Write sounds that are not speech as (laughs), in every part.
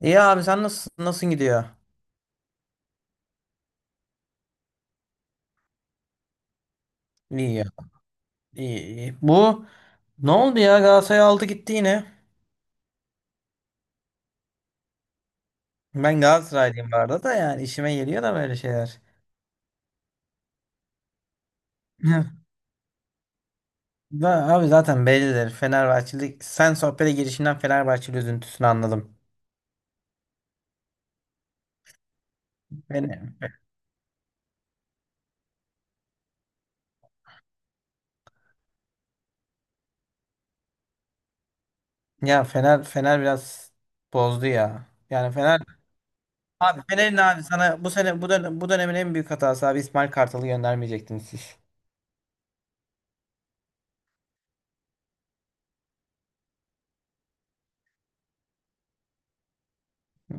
İyi abi sen nasıl gidiyor? İyi ya. İyi, iyi. Bu ne oldu ya, Galatasaray aldı gitti yine. Ben Galatasaraylıyım bu arada da, yani işime geliyor da böyle şeyler. (laughs) Hı. Da, abi zaten bellidir. Fenerbahçeli, sen sohbete girişinden Fenerbahçeli üzüntüsünü anladım. Beni, ya Fener biraz bozdu ya. Yani Fener abi, Fener'in abi sana bu sene bu dönem, bu dönemin en büyük hatası, abi İsmail Kartal'ı göndermeyecektiniz siz.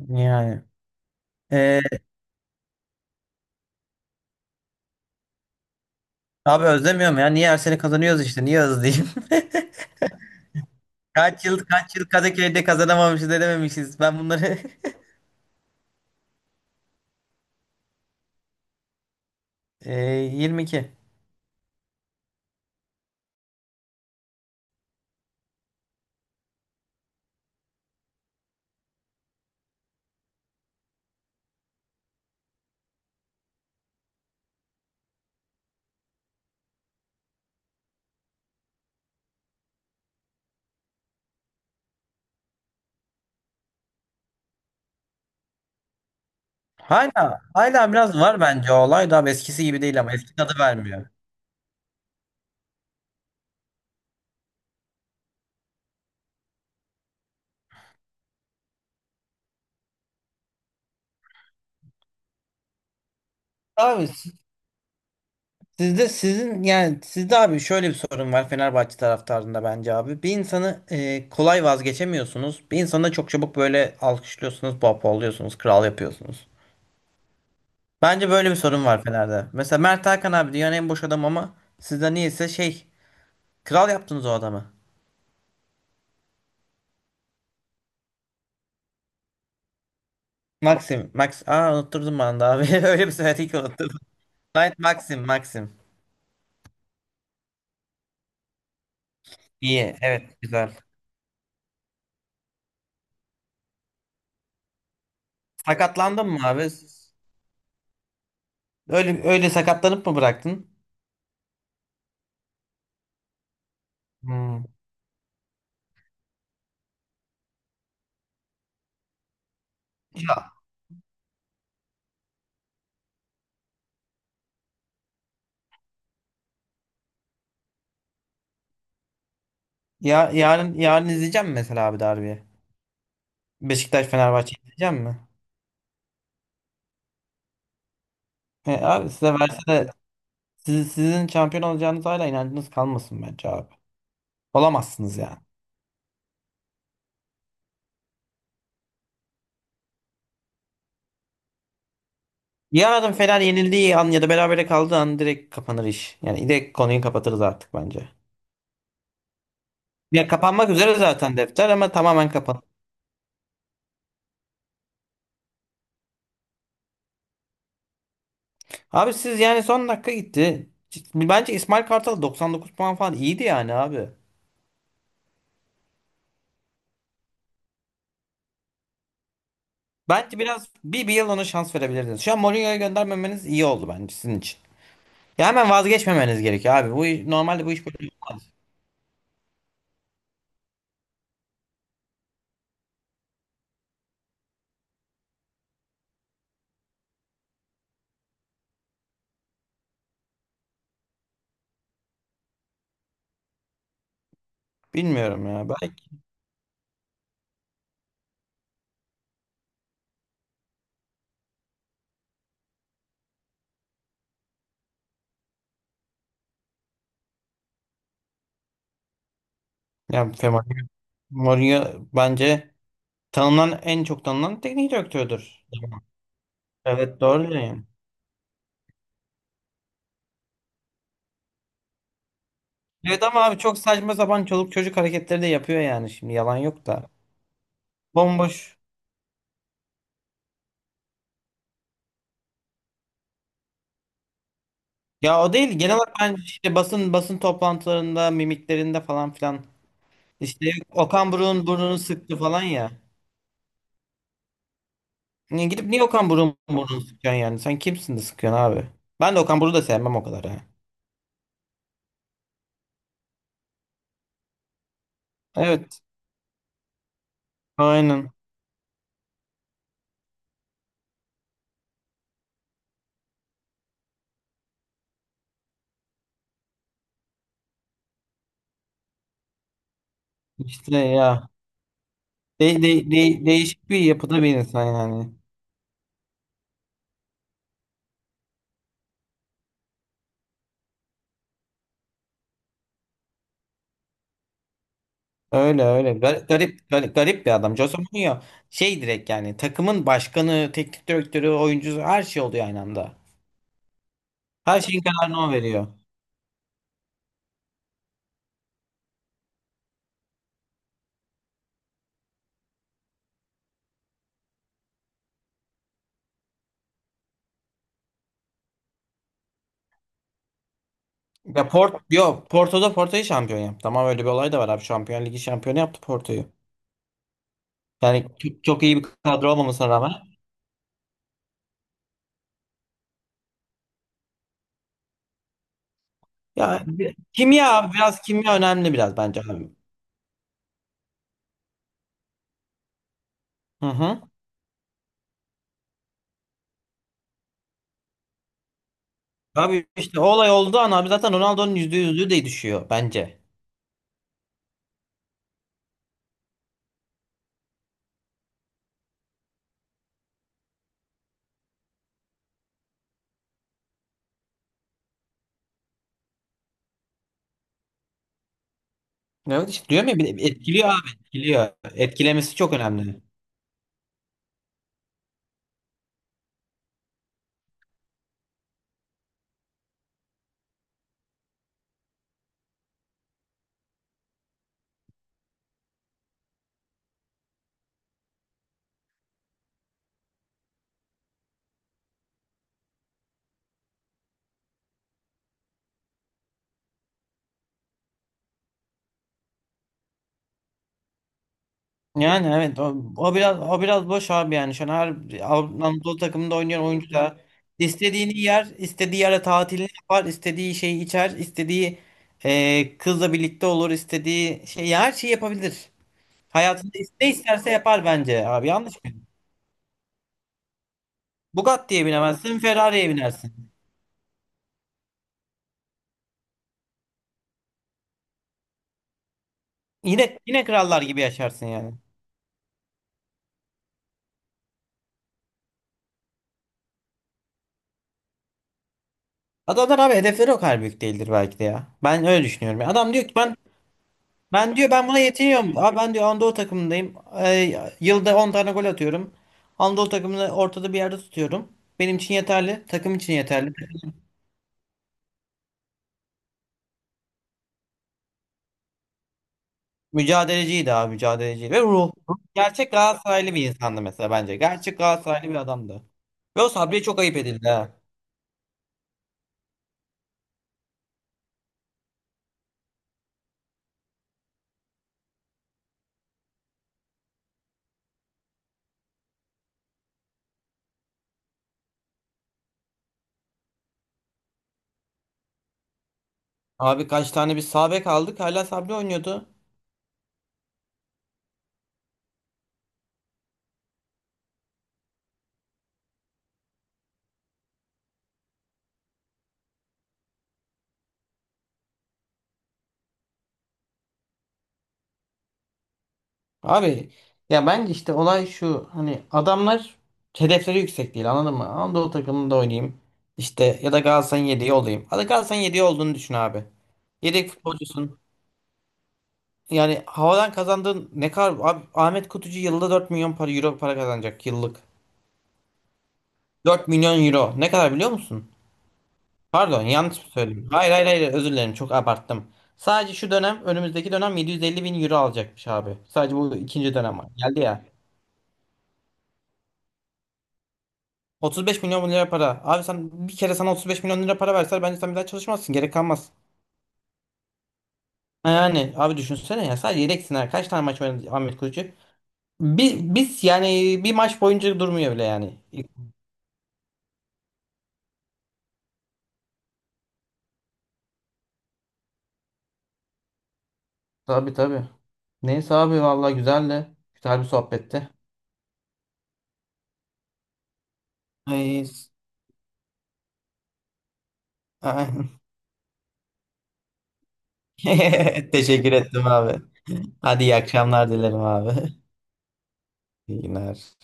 Yani. Ee, abi özlemiyorum ya. Niye her sene kazanıyoruz işte. Niye özleyeyim? (laughs) Kaç yıl Kadıköy'de kazanamamışız edememişiz. Ben bunları (laughs) Ee, 22. Hala biraz var bence, o olay da eskisi gibi değil, ama eski tadı vermiyor. Abi sizde, sizin yani, sizde abi şöyle bir sorun var Fenerbahçe taraftarında bence abi. Bir insanı kolay vazgeçemiyorsunuz. Bir insanı da çok çabuk böyle alkışlıyorsunuz, pohpohluyorsunuz, kral yapıyorsunuz. Bence böyle bir sorun var Fener'de. Mesela Mert Hakan abi dünyanın en boş adam, ama sizde niyeyse şey, kral yaptınız o adamı. Maxim. Max. Aa, unutturdum ben de abi. (laughs) Öyle bir söyledi ki unuttum. Knight Maxim. Maxim. İyi. Evet. Güzel. Sakatlandın mı abi? Öyle öyle sakatlanıp mı bıraktın? Hmm. Ya. Ya yarın izleyeceğim mi mesela abi derbi? Beşiktaş Fenerbahçe izleyeceğim mi? Abi size verse de sizin şampiyon olacağınız hala inancınız kalmasın bence abi. Olamazsınız yani. Yarın Fener yenildiği an ya da berabere kaldığı an direkt kapanır iş. Yani direkt konuyu kapatırız artık bence. Ya, kapanmak üzere zaten defter, ama tamamen kapan. Abi siz yani son dakika gitti. Bence İsmail Kartal 99 puan falan iyiydi yani abi. Bence biraz bir yıl ona şans verebilirdiniz. Şu an Mourinho'ya göndermemeniz iyi oldu bence sizin için. Ya, hemen vazgeçmemeniz gerekiyor abi. Normalde bu iş böyle olmaz. Bilmiyorum ya. Belki. Ya Mourinho bence en çok tanınan teknik direktördür. Evet, doğru diyorsun. Evet ama abi çok saçma sapan çoluk çocuk hareketleri de yapıyor yani, şimdi yalan yok da. Bomboş. Ya o değil. Genel olarak ben işte basın toplantılarında, mimiklerinde falan filan. İşte Okan Buruk'un burnunu sıktı falan ya. Niye gidip niye Okan Buruk'un burnunu sıkıyorsun yani? Sen kimsin de sıkıyorsun abi? Ben de Okan Buruk'u da sevmem o kadar ha. Evet. Aynen. İşte ya. Değişik bir yapıda bir insan yani. Öyle öyle. Garip, garip, garip bir adam. Jose Mourinho şey, direkt yani takımın başkanı, teknik direktörü, oyuncusu, her şey oluyor aynı anda. Her şeyin kararını o veriyor. Ya yok, Porto'da Porto'yu şampiyon yaptı. Ama öyle bir olay da var abi. Şampiyon Ligi şampiyonu yaptı Porto'yu. Yani çok, çok iyi bir kadro olmamasına rağmen. Ya kimya abi, biraz kimya önemli biraz bence abi. Hı hı. Abi işte o olay olduğu an abi zaten Ronaldo'nun yüzde yüzlüğü de düşüyor bence. Evet işte diyorum ya, de etkiliyor abi, etkiliyor. Etkilemesi çok önemli. Yani evet, o biraz, o biraz boş abi yani. Şu an her Anadolu takımında oynayan oyuncu da istediğini yer, istediği yere tatilini yapar, istediği şeyi içer, istediği kızla birlikte olur, istediği şey, ya her şeyi yapabilir. Hayatında ne isterse yapar bence abi. Yanlış mı? Bugatti'ye binemezsin, Ferrari'ye binersin. Yine yine krallar gibi yaşarsın yani. Adamlar abi, hedefleri o kadar büyük değildir belki de ya. Ben öyle düşünüyorum. Adam diyor ki ben. Ben diyor, ben buna yetiniyorum. Abi ben diyor, Anadolu takımındayım. Yılda 10 tane gol atıyorum. Anadolu takımını ortada bir yerde tutuyorum. Benim için yeterli. Takım için yeterli. Mücadeleciydi abi, mücadeleci. Ve ruh. Gerçek Galatasaraylı bir insandı mesela bence. Gerçek Galatasaraylı bir adamdı. Ve o Sabri'ye çok ayıp edildi ha. Abi kaç tane bir sağ bek aldık. Hala Sabri oynuyordu. Abi ya bence işte olay şu, hani adamlar hedefleri yüksek değil, anladın mı? Anadolu takımında oynayayım işte, ya da Galatasaray'ın yedeği olayım. Hadi Galatasaray'ın yedeği olduğunu düşün abi. Yedek futbolcusun. Yani havadan kazandığın ne kadar abi, Ahmet Kutucu yılda 4 milyon para, euro para kazanacak yıllık. 4 milyon euro ne kadar biliyor musun? Pardon, yanlış mı söyledim? Hayır, hayır, hayır, özür dilerim, çok abarttım. Sadece şu dönem, önümüzdeki dönem 750 bin euro alacakmış abi. Sadece bu ikinci dönem var. Geldi ya. 35 milyon lira para. Abi sen, bir kere sana 35 milyon lira para verseler, bence sen bir daha çalışmazsın. Gerek kalmaz. Yani abi düşünsene ya, sadece yedek sınır. Kaç tane maç oynadı Ahmet Kurucu? Biz, yani bir maç boyunca durmuyor bile yani. Tabii, tabii. Neyse abi, vallahi güzeldi. Güzel bir sohbetti. Ay, (laughs) Teşekkür ettim abi. Hadi iyi akşamlar dilerim abi. İyi günler.